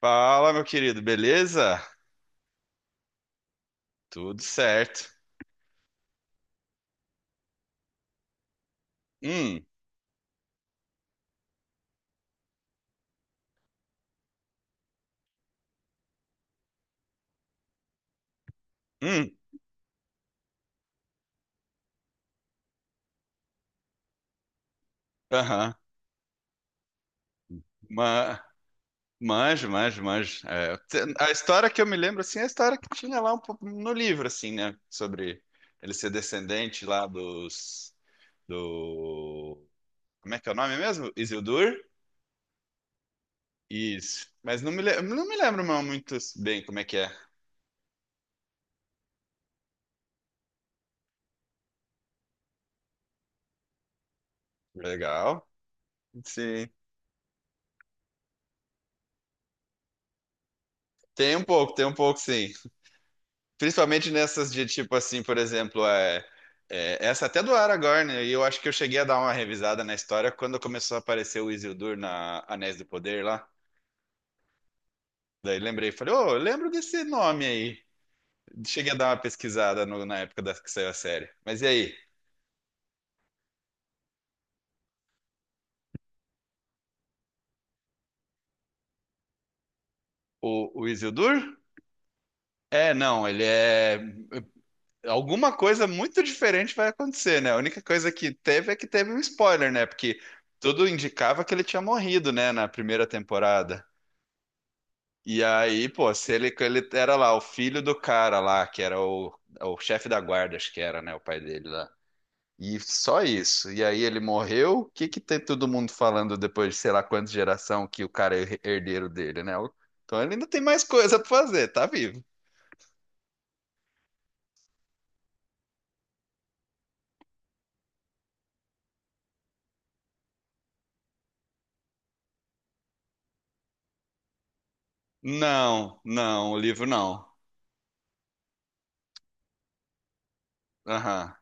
Fala, meu querido, beleza? Tudo certo. Hum, hum, aham. Ma- Manjo, manjo, manjo. É, a história que eu me lembro, assim, é a história que tinha lá um pouco no livro, assim, né? Sobre ele ser descendente lá dos... Do... Como é que é o nome mesmo? Isildur? Isso. Mas não me lembro mais muito bem como é que é. Legal. Sim. Tem um pouco, sim. Principalmente nessas de tipo assim, por exemplo, essa até do Aragorn, né? E eu acho que eu cheguei a dar uma revisada na história quando começou a aparecer o Isildur na Anéis do Poder lá. Daí lembrei, falei, ô, eu lembro desse nome aí. Cheguei a dar uma pesquisada na época que saiu a série. Mas e aí? O Isildur? É, não, ele é. Alguma coisa muito diferente vai acontecer, né? A única coisa que teve é que teve um spoiler, né? Porque tudo indicava que ele tinha morrido, né, na primeira temporada. E aí, pô, se ele, ele era lá, o filho do cara lá, que era é o chefe da guarda, acho que era, né, o pai dele lá. E só isso. E aí ele morreu. O que que tem todo mundo falando depois de sei lá quantas geração que o cara é herdeiro dele, né? Então ele ainda tem mais coisa pra fazer, tá vivo. Não, não, o livro não. Aham.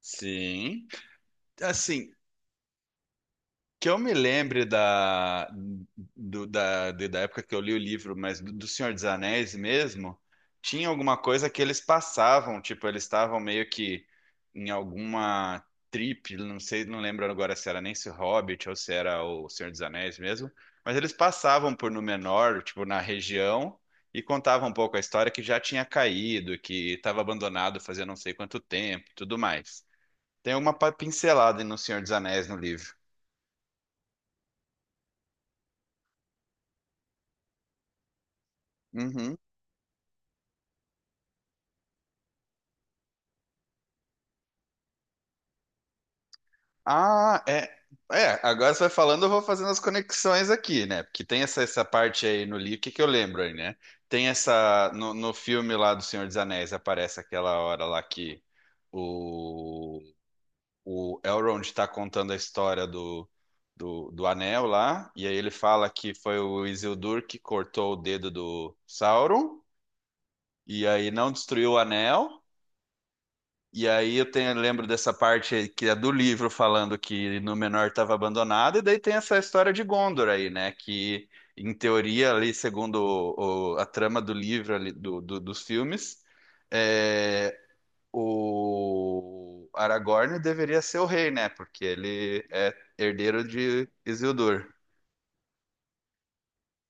Sim. Assim, que eu me lembre da, do- da, de- da época que eu li o livro, mas do Senhor dos Anéis mesmo, tinha alguma coisa que eles passavam, tipo, eles estavam meio que em alguma trip, não sei, não lembro agora se era nem se o Hobbit ou se era o Senhor dos Anéis mesmo, mas eles passavam por Númenor, tipo, na região, e contavam um pouco a história que já tinha caído, que estava abandonado fazia não sei quanto tempo, tudo mais. Tem uma pincelada no Senhor dos Anéis no livro. Uhum. Ah, é. É, agora você vai falando, eu vou fazendo as conexões aqui, né? Porque tem essa parte aí no livro, o que que eu lembro aí, né? Tem essa. No filme lá do Senhor dos Anéis aparece aquela hora lá que o, o Elrond tá contando a história do anel lá, e aí ele fala que foi o Isildur que cortou o dedo do Sauron, e aí não destruiu o anel. E aí eu tenho, lembro dessa parte que é do livro falando que Númenor estava abandonado, e daí tem essa história de Gondor aí, né? Que em teoria ali, segundo a trama do livro ali, dos filmes, é, o Aragorn deveria ser o rei, né? Porque ele é herdeiro de Isildur.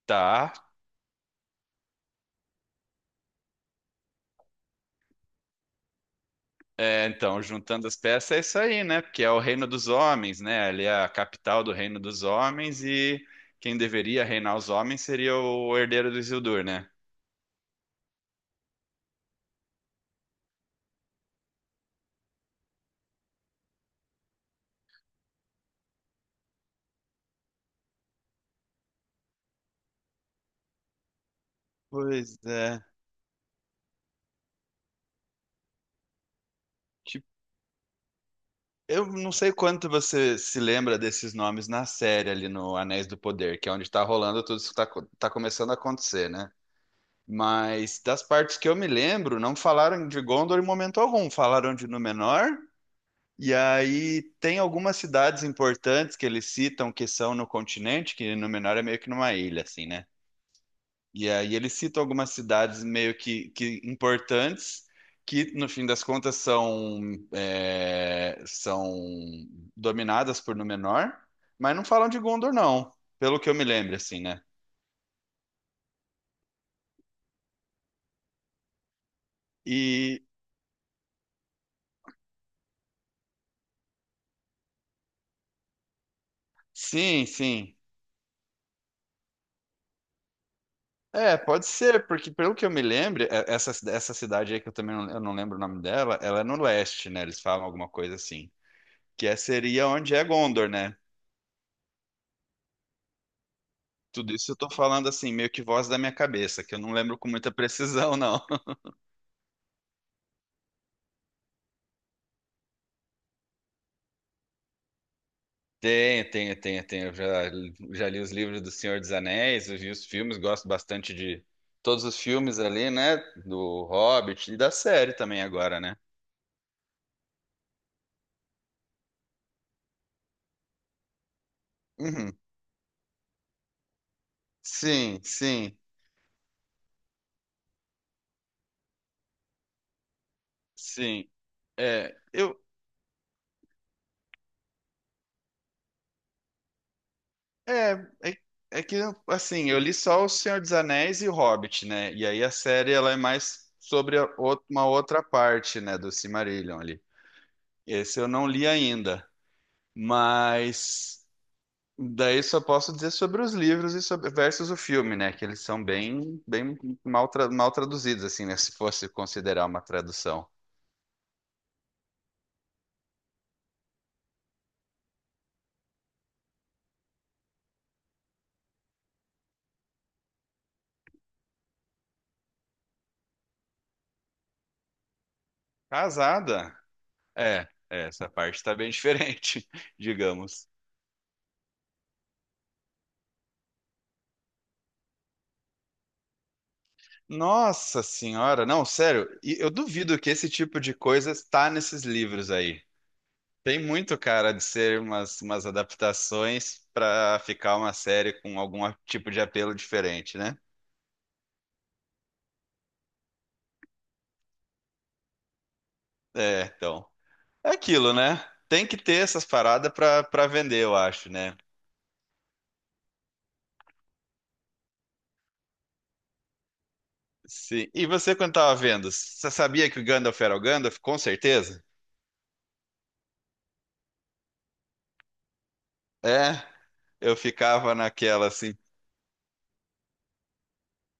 Tá, é, então, juntando as peças é isso aí, né? Porque é o reino dos homens, né? Ali é a capital do reino dos homens e quem deveria reinar os homens seria o herdeiro do Isildur, né? Pois é. Tipo, eu não sei quanto você se lembra desses nomes na série ali no Anéis do Poder, que é onde tá rolando tudo isso que tá, tá começando a acontecer, né? Mas das partes que eu me lembro, não falaram de Gondor em momento algum. Falaram de Númenor. E aí tem algumas cidades importantes que eles citam que são no continente, que Númenor é meio que numa ilha, assim, né? E aí eles citam algumas cidades meio que importantes, que no fim das contas são, é, são dominadas por Númenor, mas não falam de Gondor, não, pelo que eu me lembro, assim, né? E sim, sim. É, pode ser, porque pelo que eu me lembro, essa, essa cidade aí que eu também não, eu não lembro o nome dela, ela é no leste, né? Eles falam alguma coisa assim, que seria onde é Gondor, né? Tudo isso eu tô falando assim, meio que voz da minha cabeça, que eu não lembro com muita precisão, não. Tenho, tenho, tenho, tenho. Eu já, já li os livros do Senhor dos Anéis, eu vi os filmes, gosto bastante de todos os filmes ali, né? Do Hobbit e da série também agora, né? Uhum. Sim, sim, sim. É, eu, é, é, é que, assim, eu li só O Senhor dos Anéis e o Hobbit, né? E aí a série, ela é mais sobre a uma outra parte, né, do Silmarillion ali. Esse eu não li ainda, mas daí só posso dizer sobre os livros e sobre versus o filme, né? Que eles são bem, bem mal, mal traduzidos, assim, né? Se fosse considerar uma tradução. Casada? É, é, essa parte tá bem diferente, digamos. Nossa senhora, não, sério, e eu duvido que esse tipo de coisa está nesses livros aí. Tem muito cara de ser umas, umas adaptações para ficar uma série com algum tipo de apelo diferente, né? É, então. É aquilo, né? Tem que ter essas paradas para para vender, eu acho, né? Sim. E você, quando tava vendo, você sabia que o Gandalf era o Gandalf? Com certeza. É, eu ficava naquela assim.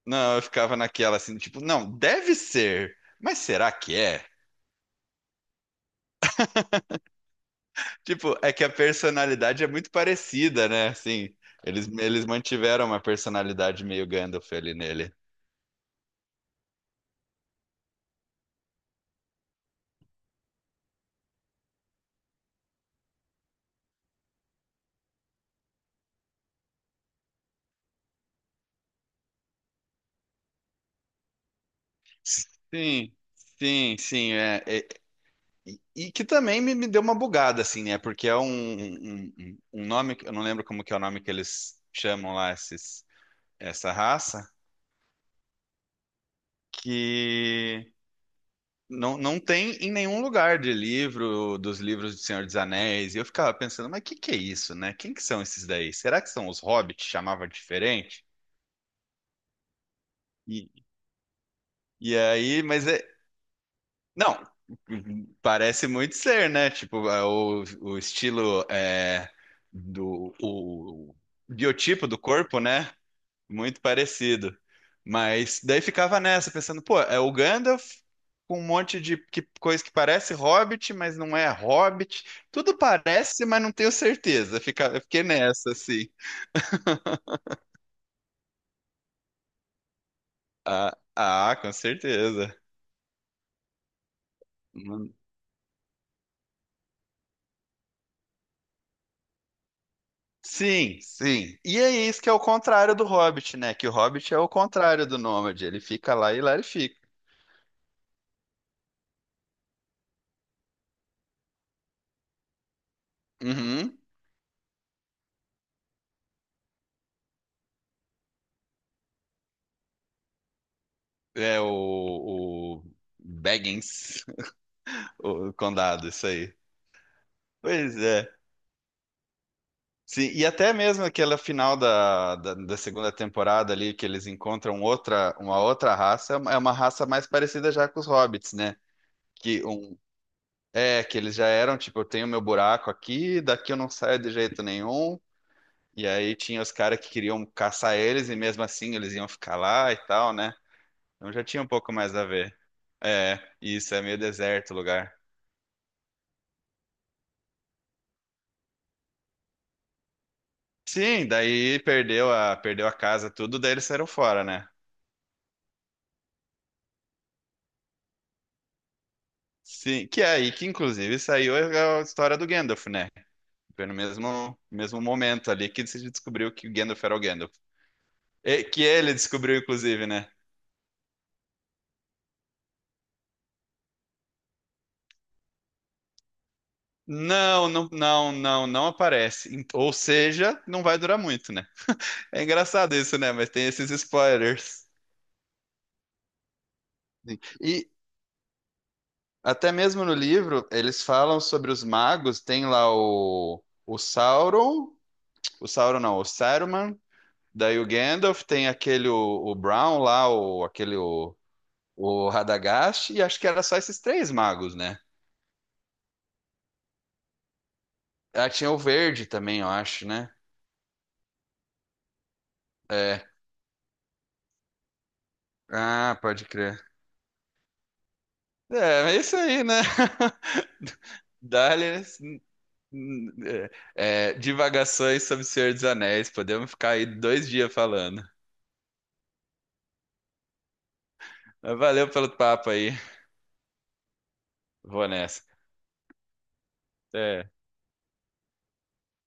Não, eu ficava naquela assim, tipo, não, deve ser, mas será que é? Tipo, é que a personalidade é muito parecida, né? Assim, eles mantiveram uma personalidade meio Gandalf ali nele. Sim, sim, sim. É, e, e que também me deu uma bugada, assim, né? Porque é um nome, eu não lembro como que é o nome que eles chamam lá esses, essa raça, que. Não, não tem em nenhum lugar de livro, dos livros do Senhor dos Anéis. E eu ficava pensando, mas o que que é isso, né? Quem que são esses daí? Será que são os hobbits? Chamava diferente? E, e aí, mas é. Não, parece muito ser, né? Tipo, é o estilo é, do. O biotipo do corpo, né? Muito parecido. Mas daí ficava nessa, pensando, pô, é o Gandalf com um monte de que, coisa que parece Hobbit, mas não é Hobbit. Tudo parece, mas não tenho certeza. Fica, eu fiquei nessa, assim. Ah, ah, com certeza. Hum, Sim, sim. E é isso que é o contrário do Hobbit, né? Que o Hobbit é o contrário do Nômade. Ele fica lá e lá ele fica. Uhum. É o Baggins, o condado, isso aí. Pois é. Sim, e até mesmo aquela final da segunda temporada ali, que eles encontram outra, uma outra raça, é uma raça mais parecida já com os hobbits, né? Que um, é, que eles já eram, tipo, eu tenho meu buraco aqui, daqui eu não saio de jeito nenhum. E aí tinha os caras que queriam caçar eles, e mesmo assim eles iam ficar lá e tal, né? Então já tinha um pouco mais a ver. É, isso é meio deserto o lugar. Sim, daí perdeu a, perdeu a casa, tudo, daí eles saíram fora, né? Sim, que é aí que inclusive saiu a história do Gandalf, né? Foi no mesmo, mesmo momento ali que se descobriu que o Gandalf era o Gandalf. E- que ele descobriu, inclusive, né? Não, não, não, não, não aparece. Em- ou seja, não vai durar muito, né? É engraçado isso, né? Mas tem esses spoilers. E até mesmo no livro, eles falam sobre os magos, tem lá o Sauron não, o Saruman, daí o Gandalf, tem aquele o Brown lá, o, aquele o Radagast e acho que era só esses 3 magos, né? Ah, tinha o verde também, eu acho, né? É. Ah, pode crer. É, é isso aí, né? Dálias, é, é, divagações sobre o Senhor dos Anéis. Podemos ficar aí 2 dias falando. Mas valeu pelo papo aí. Vou nessa. É.